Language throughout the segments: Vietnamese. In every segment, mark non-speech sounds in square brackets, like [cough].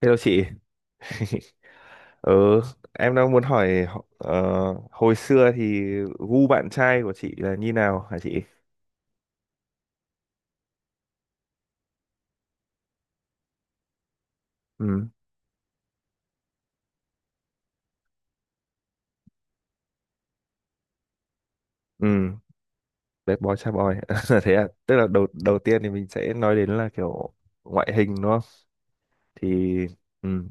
Thế đâu chị? Ở, em đang muốn hỏi hồi xưa thì gu bạn trai của chị là như nào à chị? um um Đẹp bói cha bói. Thế à, tức là đầu đầu tiên thì mình sẽ nói đến là kiểu ngoại hình nó, thì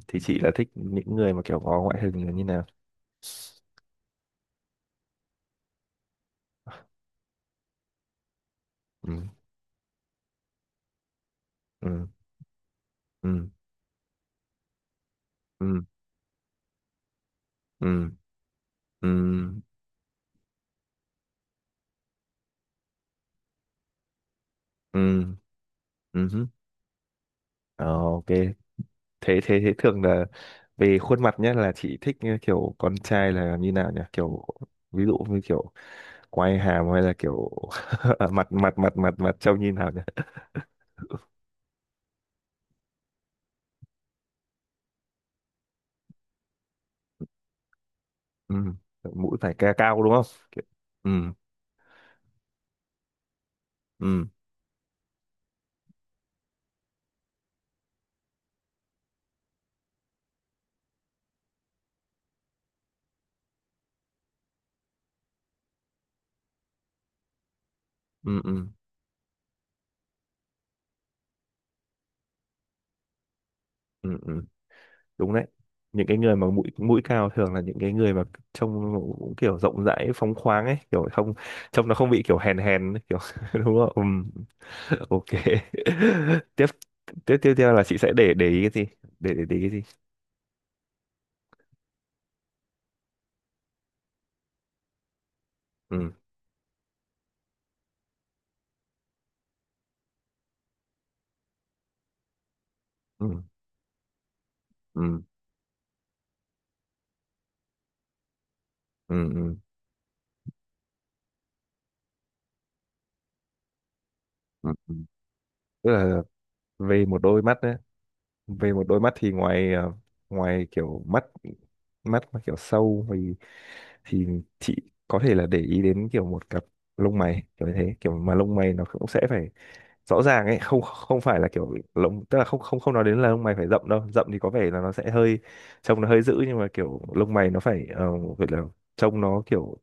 thì chị là thích những người mà kiểu có ngoại hình là như nào? um um um um um um okay. Thế thế thế thường là về khuôn mặt nhé, là chị thích như kiểu con trai là như nào nhỉ, kiểu ví dụ như kiểu quai hàm hay là kiểu [laughs] mặt mặt mặt mặt mặt trông như nào nhỉ? Ừ. Mũi phải cao đúng không? Kiểu... ừ. Ừ. Ừ. Ừ. Ừ. Ừ. Đúng đấy, những cái người mà mũi mũi cao thường là những cái người mà trông cũng kiểu rộng rãi phóng khoáng ấy, kiểu không, trông nó không bị kiểu hèn hèn ấy, kiểu [laughs] đúng không? Ừ, [laughs] ok. [laughs] Tiếp, tiếp theo là chị sẽ để ý cái gì? Để ý cái gì? Ừ ừ ừ ừ ừ ừ ừ. Tức là về một đôi mắt đấy. Về một đôi mắt thì ngoài ngoài kiểu mắt mắt mà kiểu sâu thì thì chị có thể là để ý đến kiểu một cặp lông mày kiểu như thế, kiểu mà lông mày nó cũng sẽ phải rõ ràng ấy, không không phải là kiểu lông, tức là không không không nói đến là lông mày phải rậm đâu, rậm thì có vẻ là nó sẽ hơi trông nó hơi dữ, nhưng mà kiểu lông mày nó phải gọi là trông nó kiểu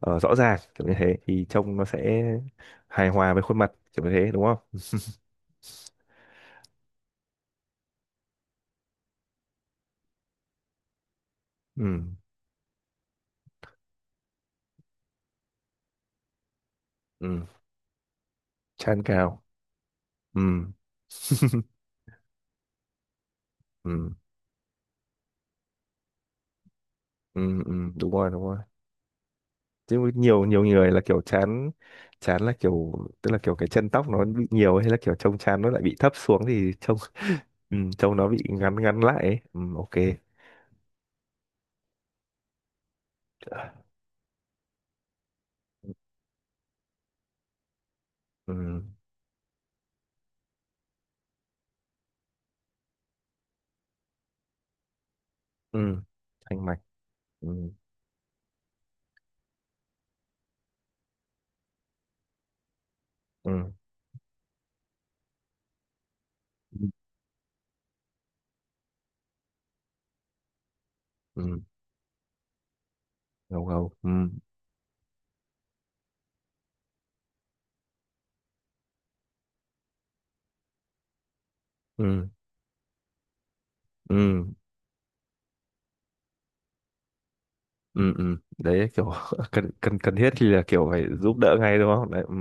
rõ ràng kiểu như thế thì trông nó sẽ hài hòa với khuôn mặt kiểu như thế đúng không? Ừ ừ. Trán cao. Ừ ừ. Ừ ừ đúng rồi, đúng rồi. Chứ nhiều nhiều người là kiểu chán. Chán là kiểu tức là kiểu cái chân tóc nó bị nhiều, hay là kiểu trông chán nó lại bị thấp xuống thì trông [laughs] ừ, trông nó bị ngắn ngắn lại ấy. Ừ, ok. Ừ, ừ, thanh mạch. Ừ, ừ, ừ, ừ, ngầu ngầu. Ừ, ừ, ừ, ừ, ừ. Đấy kiểu [laughs] cần cần cần thiết thì là kiểu phải giúp đỡ ngay đúng không đấy, ừ,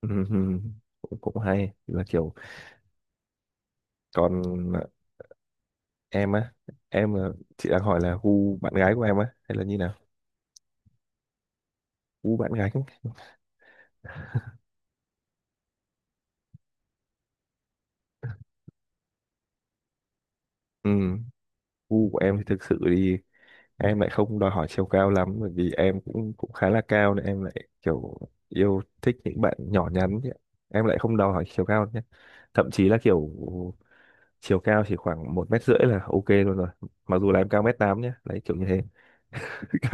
ừ, ừ. cũng cũng hay là kiểu còn em á, em là chị đang hỏi là gu bạn gái của em á hay là như nào? Gu bạn gái. Ừ, gu của em thì thực sự thì em lại không đòi hỏi chiều cao lắm, bởi vì em cũng cũng khá là cao nên em lại kiểu yêu thích những bạn nhỏ nhắn chứ ạ. Em lại không đòi hỏi chiều cao nhé, thậm chí là kiểu chiều cao chỉ khoảng 1,5 m là ok luôn rồi. Mặc dù là em cao mét tám nhé, đấy kiểu như thế.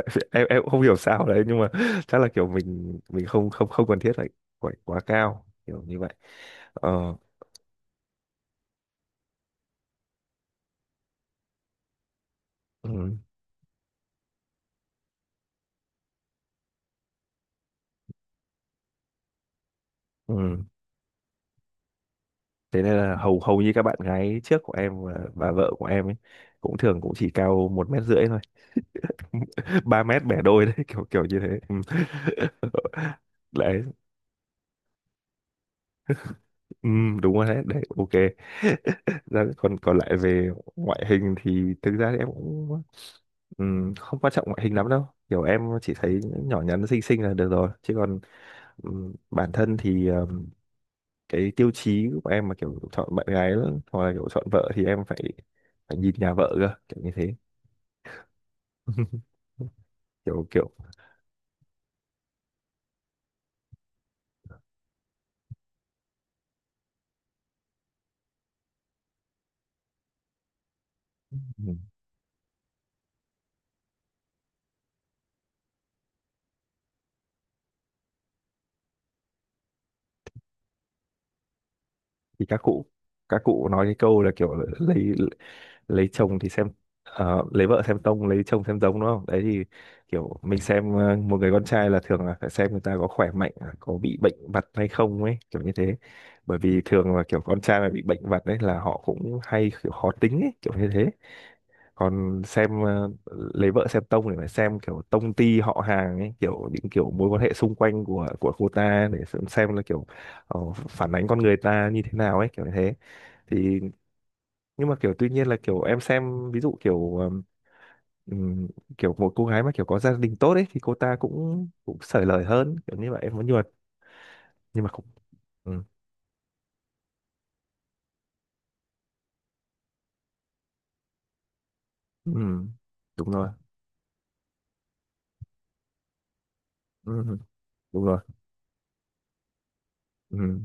[laughs] Em cũng không hiểu sao đấy, nhưng mà [laughs] chắc là kiểu mình không không không cần thiết phải phải quá cao kiểu như vậy. Ờ, ừ, ừ. Thế nên là hầu hầu như các bạn gái trước của em và vợ của em ấy cũng thường cũng chỉ cao 1,5 m thôi. [laughs] Ba mét bẻ đôi đấy, kiểu kiểu như thế. Ừ. [laughs] Đấy. Ừ, đúng rồi, đấy đấy ok. [laughs] Còn còn lại về ngoại hình thì thực ra thì em cũng không quan trọng ngoại hình lắm đâu, kiểu em chỉ thấy nhỏ nhắn xinh xinh là được rồi, chứ còn bản thân thì cái tiêu chí của em mà kiểu chọn bạn gái hoặc là kiểu chọn vợ thì em phải phải nhìn nhà vợ cơ, kiểu như thế. [laughs] kiểu kiểu. Ừ. Thì các cụ, nói cái câu là kiểu là lấy chồng thì xem lấy vợ xem tông, lấy chồng xem giống, đúng không đấy? Thì kiểu mình xem một người con trai là thường là phải xem người ta có khỏe mạnh à, có bị bệnh vặt hay không ấy, kiểu như thế. Bởi vì thường là kiểu con trai mà bị bệnh vặt đấy là họ cũng hay kiểu khó tính ấy, kiểu như thế. Còn xem lấy vợ xem tông thì phải xem kiểu tông ty họ hàng ấy, kiểu những kiểu mối quan hệ xung quanh của cô ta để xem là kiểu phản ánh con người ta như thế nào ấy, kiểu như thế. Thì nhưng mà kiểu tuy nhiên là kiểu em xem ví dụ kiểu ừm, kiểu một cô gái mà kiểu có gia đình tốt ấy thì cô ta cũng cũng xởi lời hơn, kiểu như vậy em muốn, nhưng mà cũng ừ, ừ, đúng rồi. Ừ, đúng rồi. Ừ.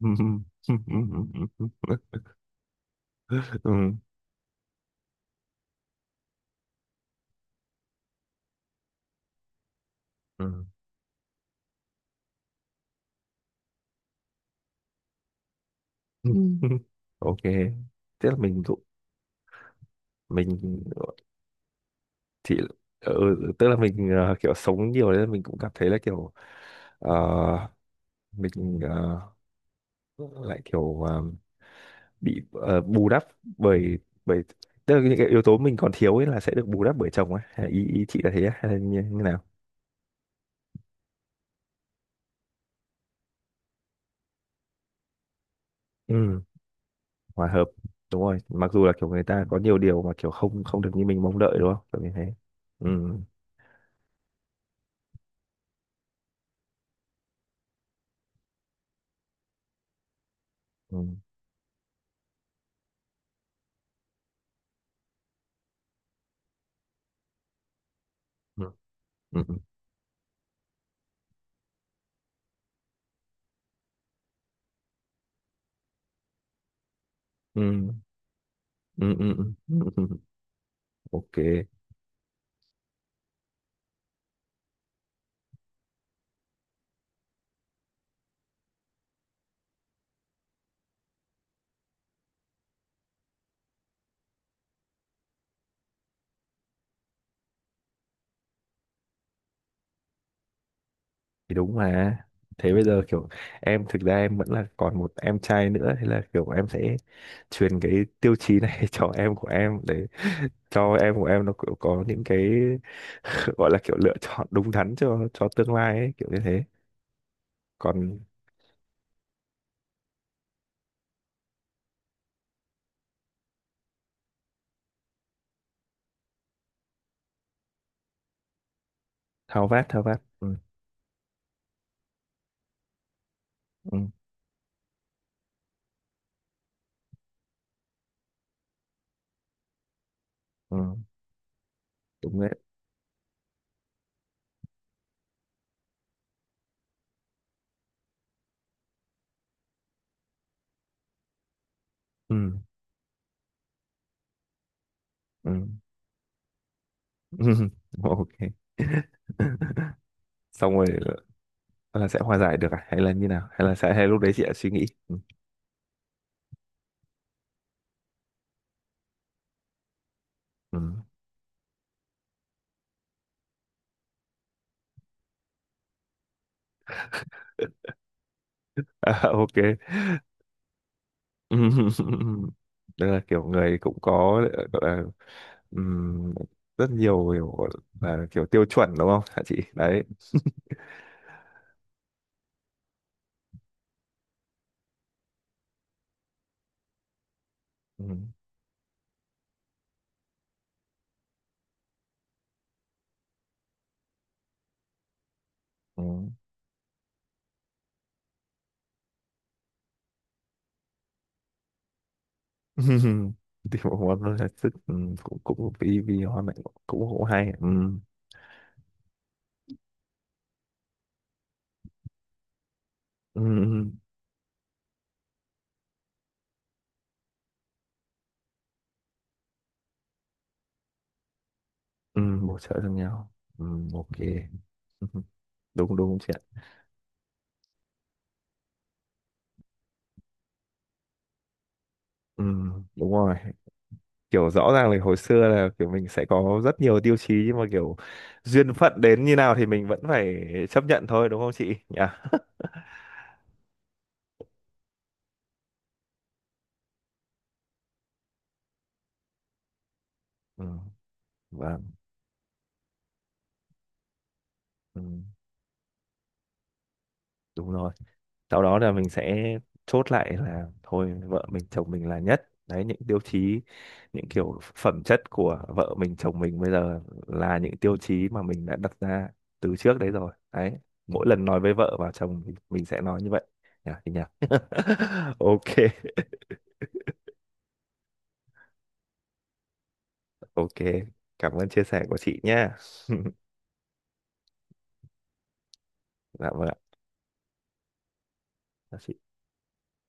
[laughs] Ừ, ừ, ừ, ừ, [laughs] ừ, ừ. Ừ. [laughs] Ok. Tức là mình cũng mình thì ừ, tức là mình kiểu sống nhiều nên mình cũng cảm thấy là kiểu ờ, mình lại kiểu bị bù đắp bởi bởi tức là những cái yếu tố mình còn thiếu ấy là sẽ được bù đắp bởi chồng ấy. Hay ý ý chị là thế á? Hay là như, như nào? Ừ, hòa hợp đúng rồi, mặc dù là kiểu người ta có nhiều điều mà kiểu không không được như mình mong đợi, đúng không kiểu như thế. Ừ ừ ừ ừ ừ ừ ừ ừ ừ. Ừ. Ok, thì đúng mà. Thế bây giờ kiểu em, thực ra em vẫn là còn một em trai nữa, thế là kiểu em sẽ truyền cái tiêu chí này [laughs] cho em của em, để cho em của em nó kiểu có những cái [laughs] gọi là kiểu lựa chọn đúng đắn cho tương lai ấy, kiểu như thế. Còn thao vát thao vát. Ừ, ừ, ừ, đúng đấy. Ừ, ừ. [laughs] Ok. [laughs] Xong rồi là sẽ hòa giải được à? Hay là như nào? Hay là sẽ, hay lúc đấy chị đã suy nghĩ. Ừ. Ừ. [laughs] À, ok. [laughs] Tức là kiểu người cũng có gọi là, ừm, rất nhiều kiểu gọi là kiểu tiêu chuẩn đúng không hả chị đấy? Ừ. Ừ. [laughs] Thì một món nó là sức, ừ, cũng cũng vì vì hoa mẹ cũng cũng hay. Ừ. Ừ. Ừ, ừ, bổ trợ cho nhau. Ừ. Ok. [laughs] Ừ. Đúng đúng chị ạ. Ừ. Đúng rồi, kiểu rõ ràng là hồi xưa là kiểu mình sẽ có rất nhiều tiêu chí, nhưng mà kiểu duyên phận đến như nào thì mình vẫn phải chấp nhận thôi, đúng không chị nhỉ? Ừ. Vâng, ừ, đúng rồi. Sau đó là mình sẽ chốt lại là thôi vợ mình chồng mình là nhất. Đấy, những tiêu chí, những kiểu phẩm chất của vợ mình chồng mình bây giờ là những tiêu chí mà mình đã đặt ra từ trước đấy rồi. Đấy, mỗi lần nói với vợ và chồng thì mình sẽ nói như vậy. Nhỉ, thì nhỉ. [laughs] Ok, ok. Cảm ơn chia sẻ của chị nha. [laughs] Dạ vâng ạ.